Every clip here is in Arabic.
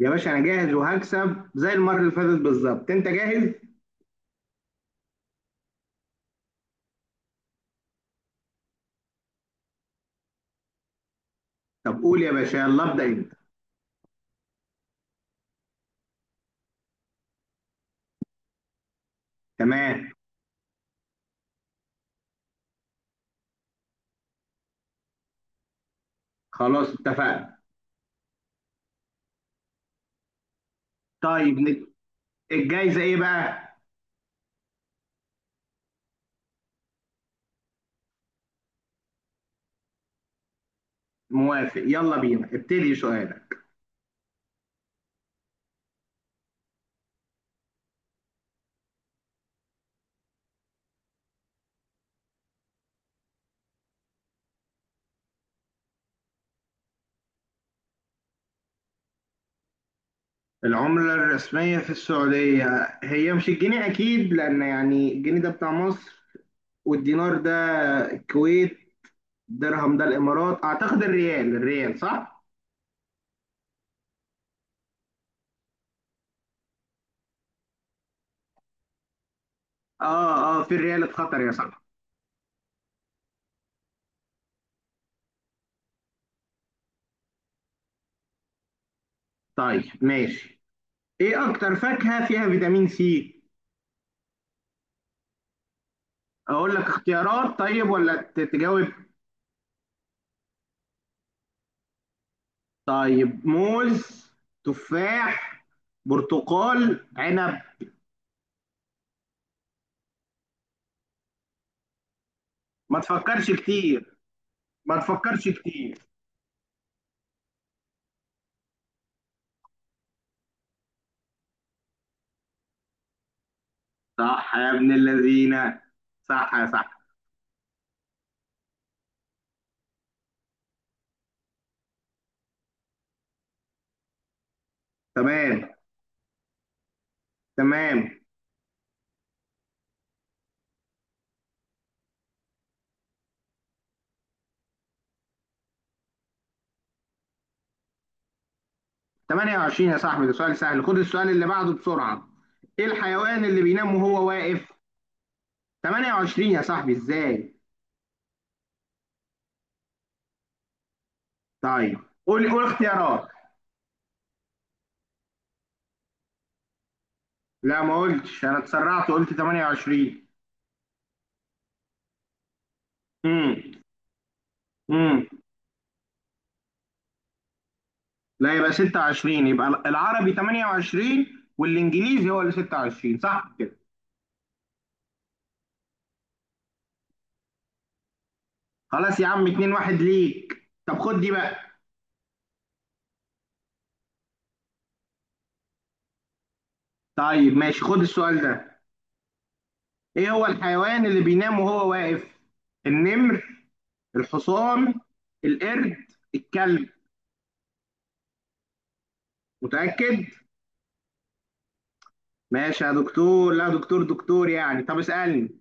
يا باشا انا جاهز وهكسب زي المره اللي فاتت بالظبط. انت جاهز؟ طب قول يا باشا، يلا ابدا انت. تمام. خلاص اتفقنا. طيب الجايزه ايه بقى؟ موافق، يلا بينا ابتدي سؤالك. العملة الرسمية في السعودية هي مش الجنيه أكيد، لأن يعني الجنيه ده بتاع مصر، والدينار ده الكويت، درهم ده الإمارات. أعتقد الريال، الريال صح؟ آه آه، في الريال اتخطر يا صاحبي. طيب ماشي. إيه أكتر فاكهة فيها فيتامين سي؟ اقول لك اختيارات طيب ولا تجاوب؟ طيب، موز، تفاح، برتقال، عنب. ما تفكرش كتير. ما تفكرش كتير. صح يا ابن اللذينه، صح يا صاحبي. تمام. تمام. 28 يا صاحبي، ده سؤال سهل، خد السؤال اللي بعده بسرعه. ايه الحيوان اللي بينام وهو واقف؟ 28 يا صاحبي ازاي؟ طيب قول قول اختيارات. لا ما قلتش، انا اتسرعت وقلت 28. امم امم لا يبقى 26. يبقى العربي 28 والانجليزي هو اللي 26، صح كده؟ خلاص يا عم، 2-1 ليك. طب خد دي بقى. طيب ماشي، خد السؤال ده. ايه هو الحيوان اللي بينام وهو واقف؟ النمر، الحصان، القرد، الكلب. متأكد؟ ماشي يا دكتور، لا دكتور دكتور يعني. طب اسألني.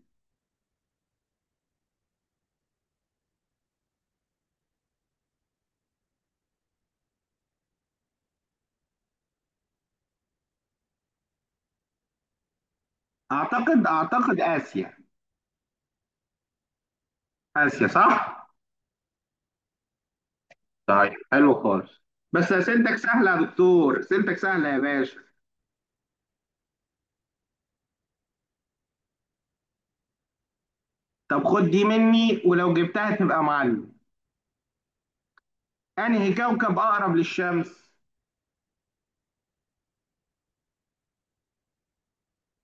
اعتقد آسيا. آسيا صح. طيب حلو خالص. بس اسئلتك سهلة يا دكتور، اسئلتك سهلة يا باشا. طب خد دي مني، ولو جبتها تبقى معلم. انهي كوكب اقرب للشمس؟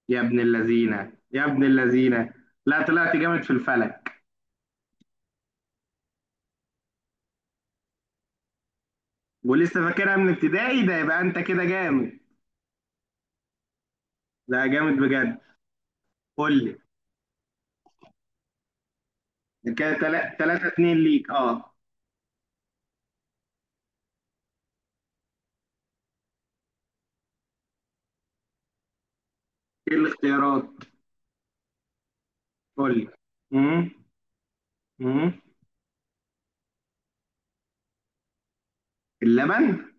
يا ابن اللذينه، يا ابن اللذينه، لا طلعت جامد في الفلك. ولسه فاكرها من ابتدائي؟ ده يبقى انت كده جامد. ده جامد بجد. قول لي. ده كده تلاتة اتنين ليك، اه. ايه الاختيارات؟ قول لي. امم امم اللبن.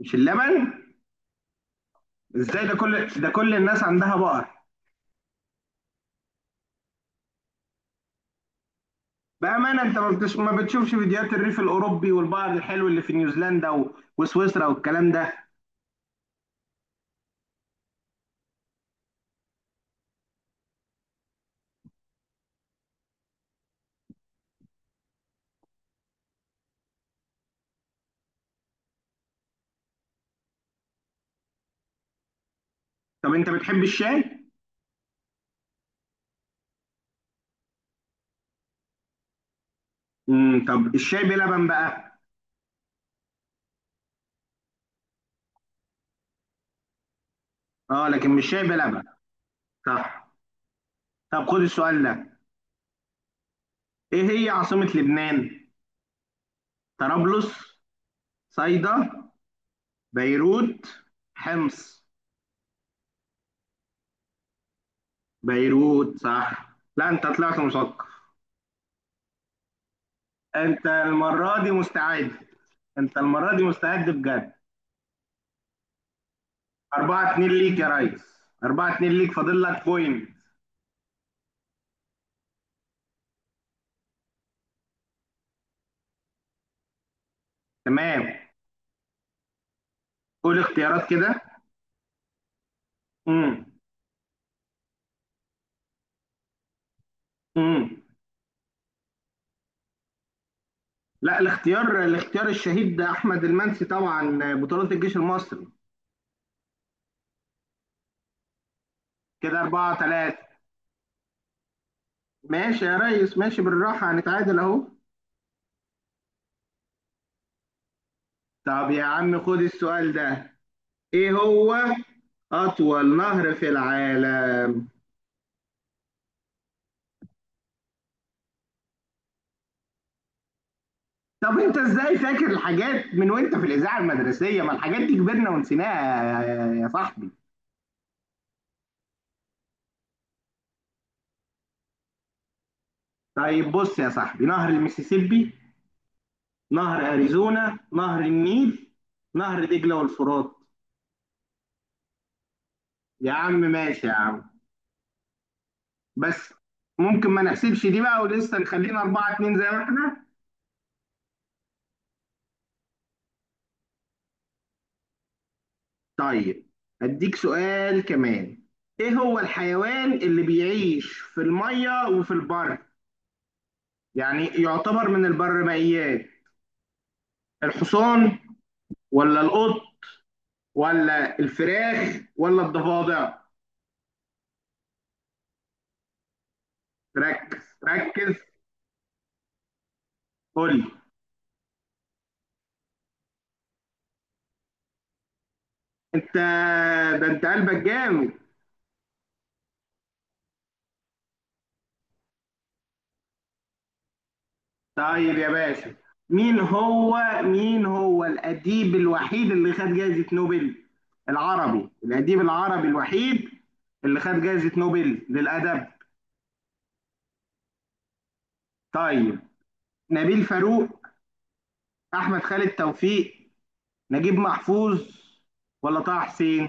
مش اللبن. ازاي ده؟ كل ده كل الناس عندها بقر؟ بأمانة، أنت ما بتشوفش فيديوهات الريف الأوروبي والبعض الحلو اللي في نيوزيلندا وسويسرا والكلام ده؟ طب أنت بتحب الشاي؟ امم. طب الشاي بلبن بقى؟ أه، لكن مش شاي بلبن. صح. طب خد السؤال ده. إيه هي عاصمة لبنان؟ طرابلس، صيدا، بيروت، حمص. بيروت صح. لا أنت طلعت مثقف. أنت المرة دي مستعد، أنت المرة دي مستعد بجد. 4-2 ليك يا ريس، 4-2 ليك، فاضل لك بوينت. تمام. قول اختيارات كده. امم امم لا، الاختيار، الاختيار الشهيد ده احمد المنسي، طبعا بطولة الجيش المصري. كده 4-3. ماشي يا ريس، ماشي، بالراحة هنتعادل اهو. طب يا عم خد السؤال ده. ايه هو اطول نهر في العالم؟ طب انت ازاي فاكر الحاجات من وانت في الاذاعة المدرسية؟ ما الحاجات دي كبرنا ونسيناها يا صاحبي. طيب بص يا صاحبي، نهر المسيسيبي، نهر اريزونا، نهر النيل، نهر دجله والفرات. يا عم ماشي يا عم. بس ممكن ما نحسبش دي بقى، ولسه نخلينا 4-2 زي ما احنا. طيب، اديك سؤال كمان. ايه هو الحيوان اللي بيعيش في المية وفي البر؟ يعني يعتبر من البرمائيات. الحصان، ولا القط، ولا الفراخ، ولا الضفادع؟ ركز ركز. قول لي. انت، ده انت قلبك جامد. طيب يا باشا. مين هو، مين هو الأديب الوحيد اللي خد جائزة نوبل، العربي، الأديب العربي الوحيد اللي خد جائزة نوبل للأدب؟ طيب، نبيل فاروق، أحمد خالد توفيق، نجيب محفوظ، ولا طه حسين؟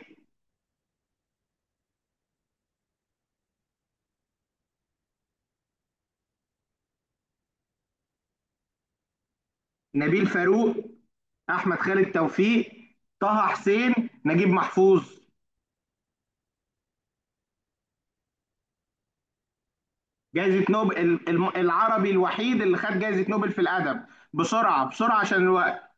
نبيل فاروق، أحمد خالد توفيق، طه حسين، نجيب محفوظ. جائزة نوبل، العربي الوحيد اللي خد جائزة نوبل في الأدب. بسرعة بسرعة عشان الوقت.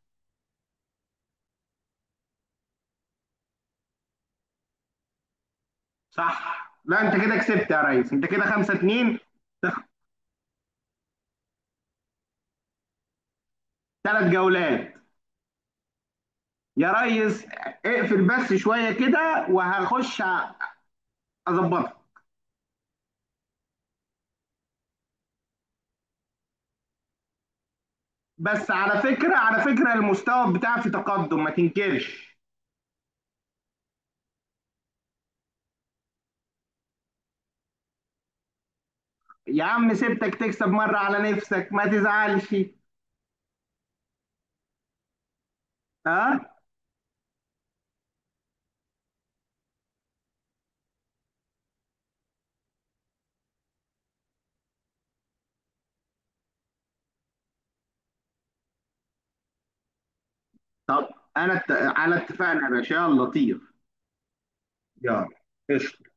صح، لا انت كده كسبت يا ريس، انت كده 5-2. 3 جولات يا ريس. اقفل بس شويه كده وهخش اظبطها. بس على فكره، على فكره المستوى بتاعي في تقدم، ما تنكرش. يا عم سبتك تكسب مره على نفسك، ما تزعلش. ها أه؟ طب انا على اتفاقنا يا باشا، يلا طير. يلا. قشطة.